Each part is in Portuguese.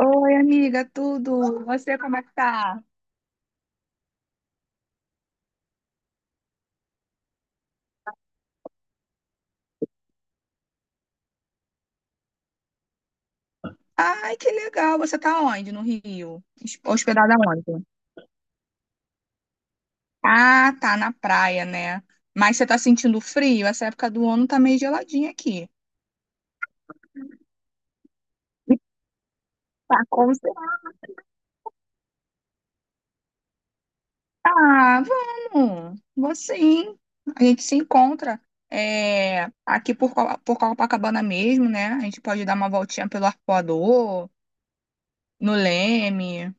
Oi, amiga, tudo? Você como é que tá? Ai, que legal. Você tá onde? No Rio? Hospedada onde? Ah, tá na praia, né? Mas você tá sentindo frio? Essa época do ano tá meio geladinha aqui. Tá com certeza. Ah, vamos. Vou sim. A gente se encontra é, aqui por Copacabana mesmo, né? A gente pode dar uma voltinha pelo Arpoador, no Leme.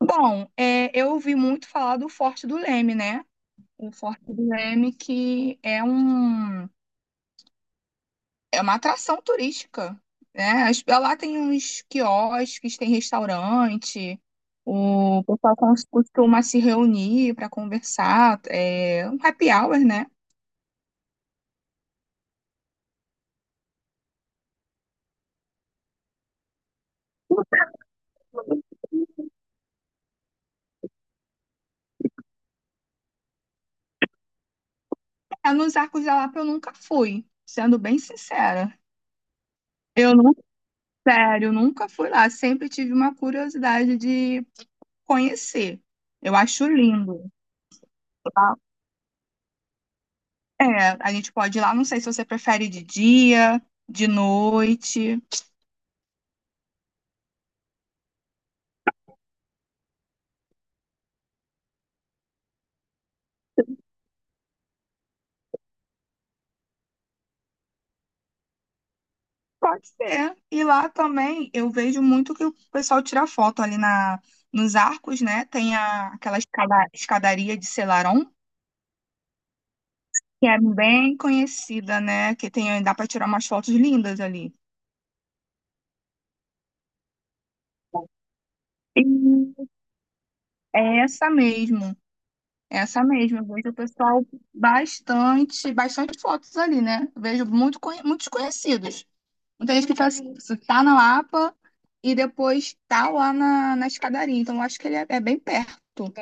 Bom, é, eu ouvi muito falar do Forte do Leme, né? O Forte do Leme, é uma atração turística, né? Lá tem uns quiosques, tem restaurante, o pessoal costuma se reunir para conversar, é um happy hour, né? É, nos Arcos da Lapa eu nunca fui, sendo bem sincera. Eu não, sério, nunca fui lá, sempre tive uma curiosidade de conhecer. Eu acho lindo. É, a gente pode ir lá, não sei se você prefere de dia, de noite. Pode ser. E lá também eu vejo muito que o pessoal tira foto nos arcos, né? Tem a, aquela escadaria de Selarón, que é bem conhecida, né? Que tem, dá para tirar umas fotos lindas ali. E é essa mesmo, é essa mesmo. Eu vejo o pessoal bastante, bastante fotos ali, né? Vejo muito, muitos conhecidos. Muita gente tá na Lapa e depois tá na escadaria. Então, eu acho que ele é bem perto.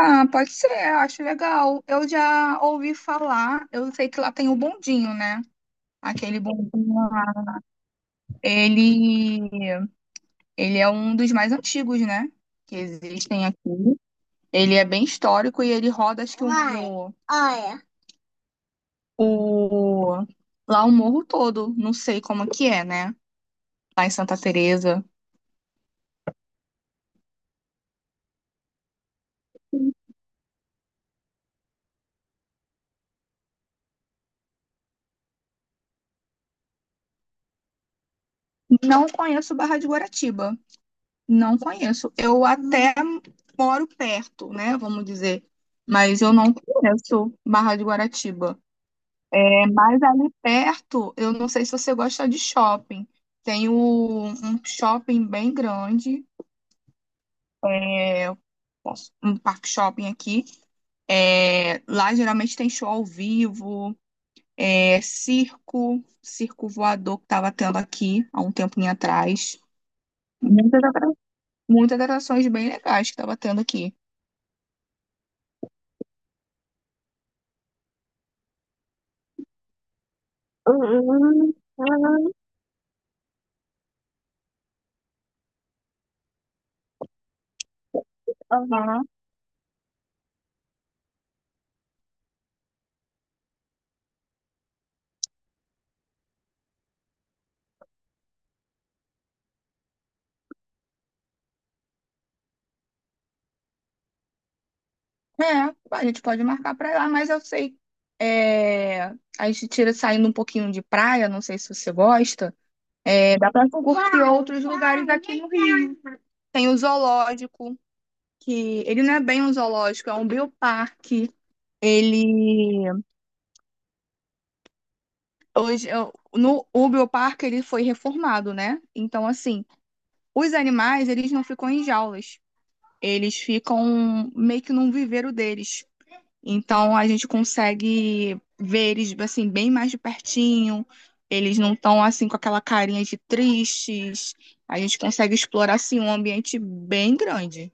Ah, pode ser, eu acho legal. Eu já ouvi falar, eu sei que lá tem o bondinho, né? Aquele bondinho lá. Ele, ele é um dos mais antigos, né? Que existem aqui. Ele é bem histórico e ele roda, acho que olha, o, lá o morro todo. Não sei como que é, né? Lá em Santa Teresa. Não conheço Barra de Guaratiba. Não conheço. Eu até moro perto, né? Vamos dizer. Mas eu não conheço Barra de Guaratiba. É mais ali perto, eu não sei se você gosta de shopping. Um shopping bem grande, é, um parque shopping aqui. É, lá geralmente tem show ao vivo, é, circo, circo voador que estava tendo aqui há um tempinho atrás. Muitas muitas atrações bem legais que tava tendo aqui. Hum, aham. É, a gente pode marcar pra lá, mas eu sei. É, a gente tira saindo um pouquinho de praia, não sei se você gosta. É, dá pra curtir outros lugares aqui no Rio. Tem o zoológico, que ele não é bem um zoológico, é um bioparque. Ele hoje eu- no o bioparque ele foi reformado, né? Então assim, os animais eles não ficam em jaulas. Eles ficam meio que num viveiro deles. Então a gente consegue ver eles assim bem mais de pertinho. Eles não estão assim com aquela carinha de tristes. A gente consegue explorar assim um ambiente bem grande.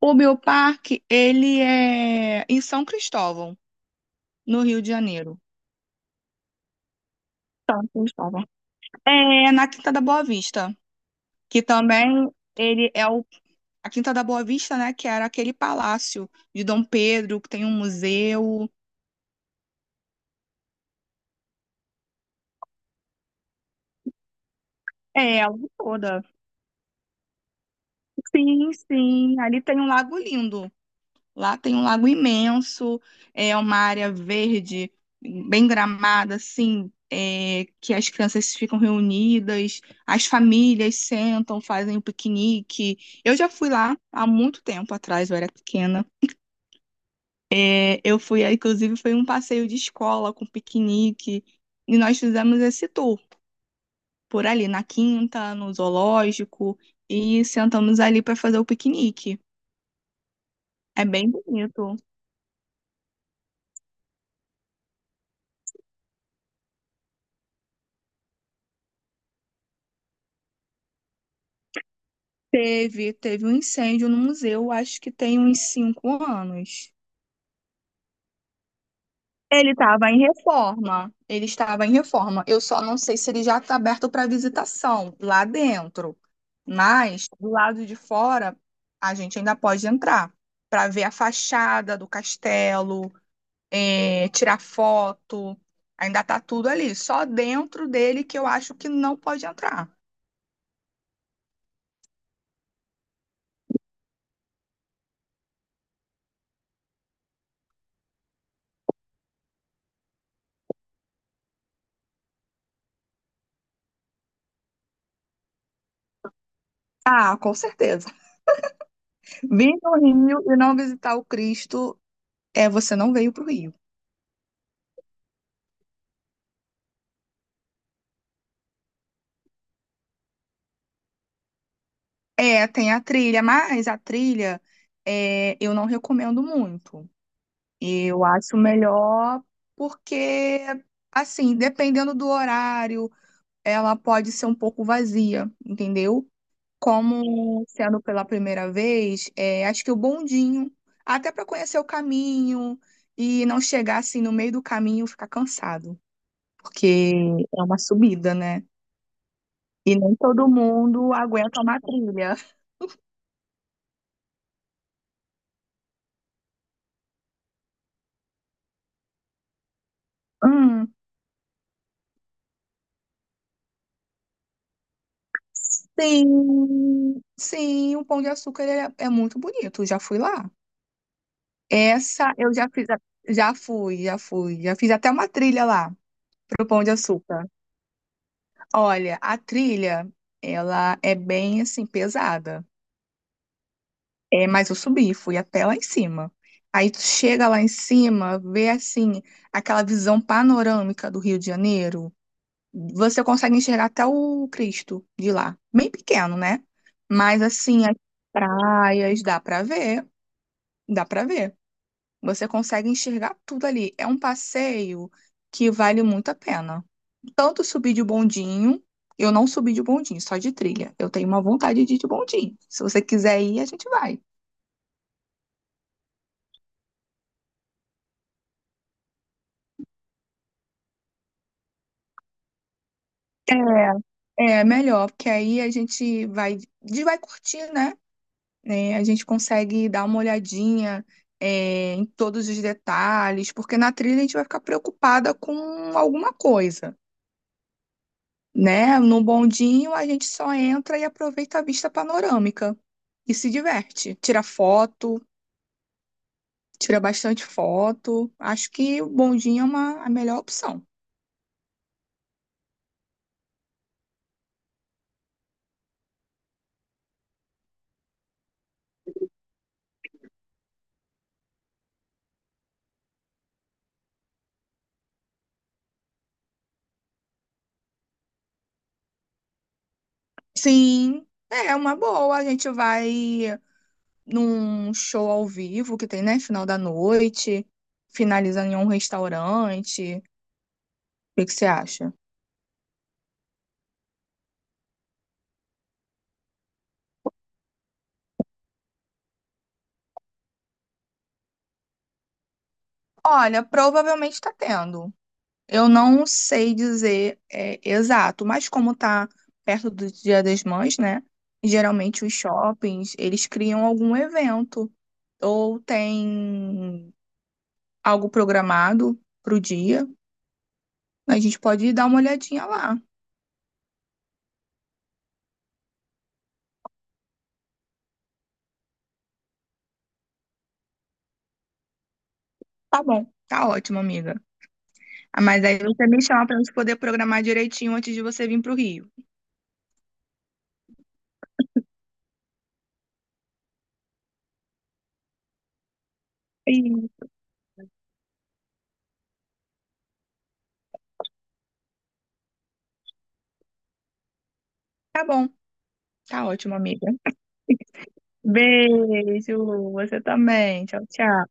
O bioparque, ele é em São Cristóvão, no Rio de Janeiro. São Cristóvão. É na Quinta da Boa Vista, que também a Quinta da Boa Vista, né, que era aquele palácio de Dom Pedro, que tem um museu. É, a lagoa toda. Sim, sim. Ali tem um lago lindo. Lá tem um lago imenso. É uma área verde, bem gramada, assim, é, que as crianças ficam reunidas, as famílias sentam, fazem um piquenique. Eu já fui lá há muito tempo atrás, eu era pequena. É, eu fui, é, inclusive, foi um passeio de escola com piquenique. E nós fizemos esse tour por ali, na Quinta, no zoológico, e sentamos ali para fazer o piquenique. É bem bonito. Teve um incêndio no museu, acho que tem uns 5 anos. Ele estava em reforma. Ele estava em reforma. Eu só não sei se ele já está aberto para visitação lá dentro. Mas do lado de fora, a gente ainda pode entrar para ver a fachada do castelo, tirar foto. Ainda tá tudo ali. Só dentro dele que eu acho que não pode entrar. Ah, com certeza. Vir no Rio e não visitar o Cristo é você não veio para o Rio. É, tem a trilha, mas eu não recomendo muito. Eu acho melhor porque, assim, dependendo do horário, ela pode ser um pouco vazia, entendeu? Como sendo pela primeira vez, é, acho que o bondinho, até para conhecer o caminho e não chegar assim no meio do caminho e ficar cansado, porque é uma subida, né? E nem todo mundo aguenta uma trilha. Hum, sim, sim, o Pão de Açúcar é muito bonito, já fui lá. Essa eu já fiz, já fui, já fui, já fiz até uma trilha lá pro Pão de Açúcar. Olha, a trilha, ela é bem assim pesada. É, mas eu subi, fui até lá em cima. Aí tu chega lá em cima, vê assim aquela visão panorâmica do Rio de Janeiro. Você consegue enxergar até o Cristo de lá. Bem pequeno, né? Mas assim, as praias, dá pra ver, dá pra ver. Você consegue enxergar tudo ali. É um passeio que vale muito a pena. Tanto subir de bondinho, eu não subi de bondinho, só de trilha. Eu tenho uma vontade de ir de bondinho. Se você quiser ir, a gente vai. É, é melhor, porque aí a gente vai curtir, né? Né? A gente consegue dar uma olhadinha, é, em todos os detalhes, porque na trilha a gente vai ficar preocupada com alguma coisa, né? No bondinho a gente só entra e aproveita a vista panorâmica e se diverte, tira foto, tira bastante foto. Acho que o bondinho é uma, a melhor opção. Sim, é uma boa. A gente vai num show ao vivo que tem, né? Final da noite, finalizando em um restaurante. Que você acha? Olha, provavelmente está tendo. Eu não sei dizer é, exato, mas como está perto do Dia das Mães, né? Geralmente os shoppings, eles criam algum evento ou tem algo programado para o dia. A gente pode dar uma olhadinha lá. Tá bom, tá ótimo, amiga. Ah, mas aí você me chama para gente poder programar direitinho antes de você vir para o Rio. Ih, tá bom, tá ótimo, amiga. Beijo, você também. Tchau, tchau.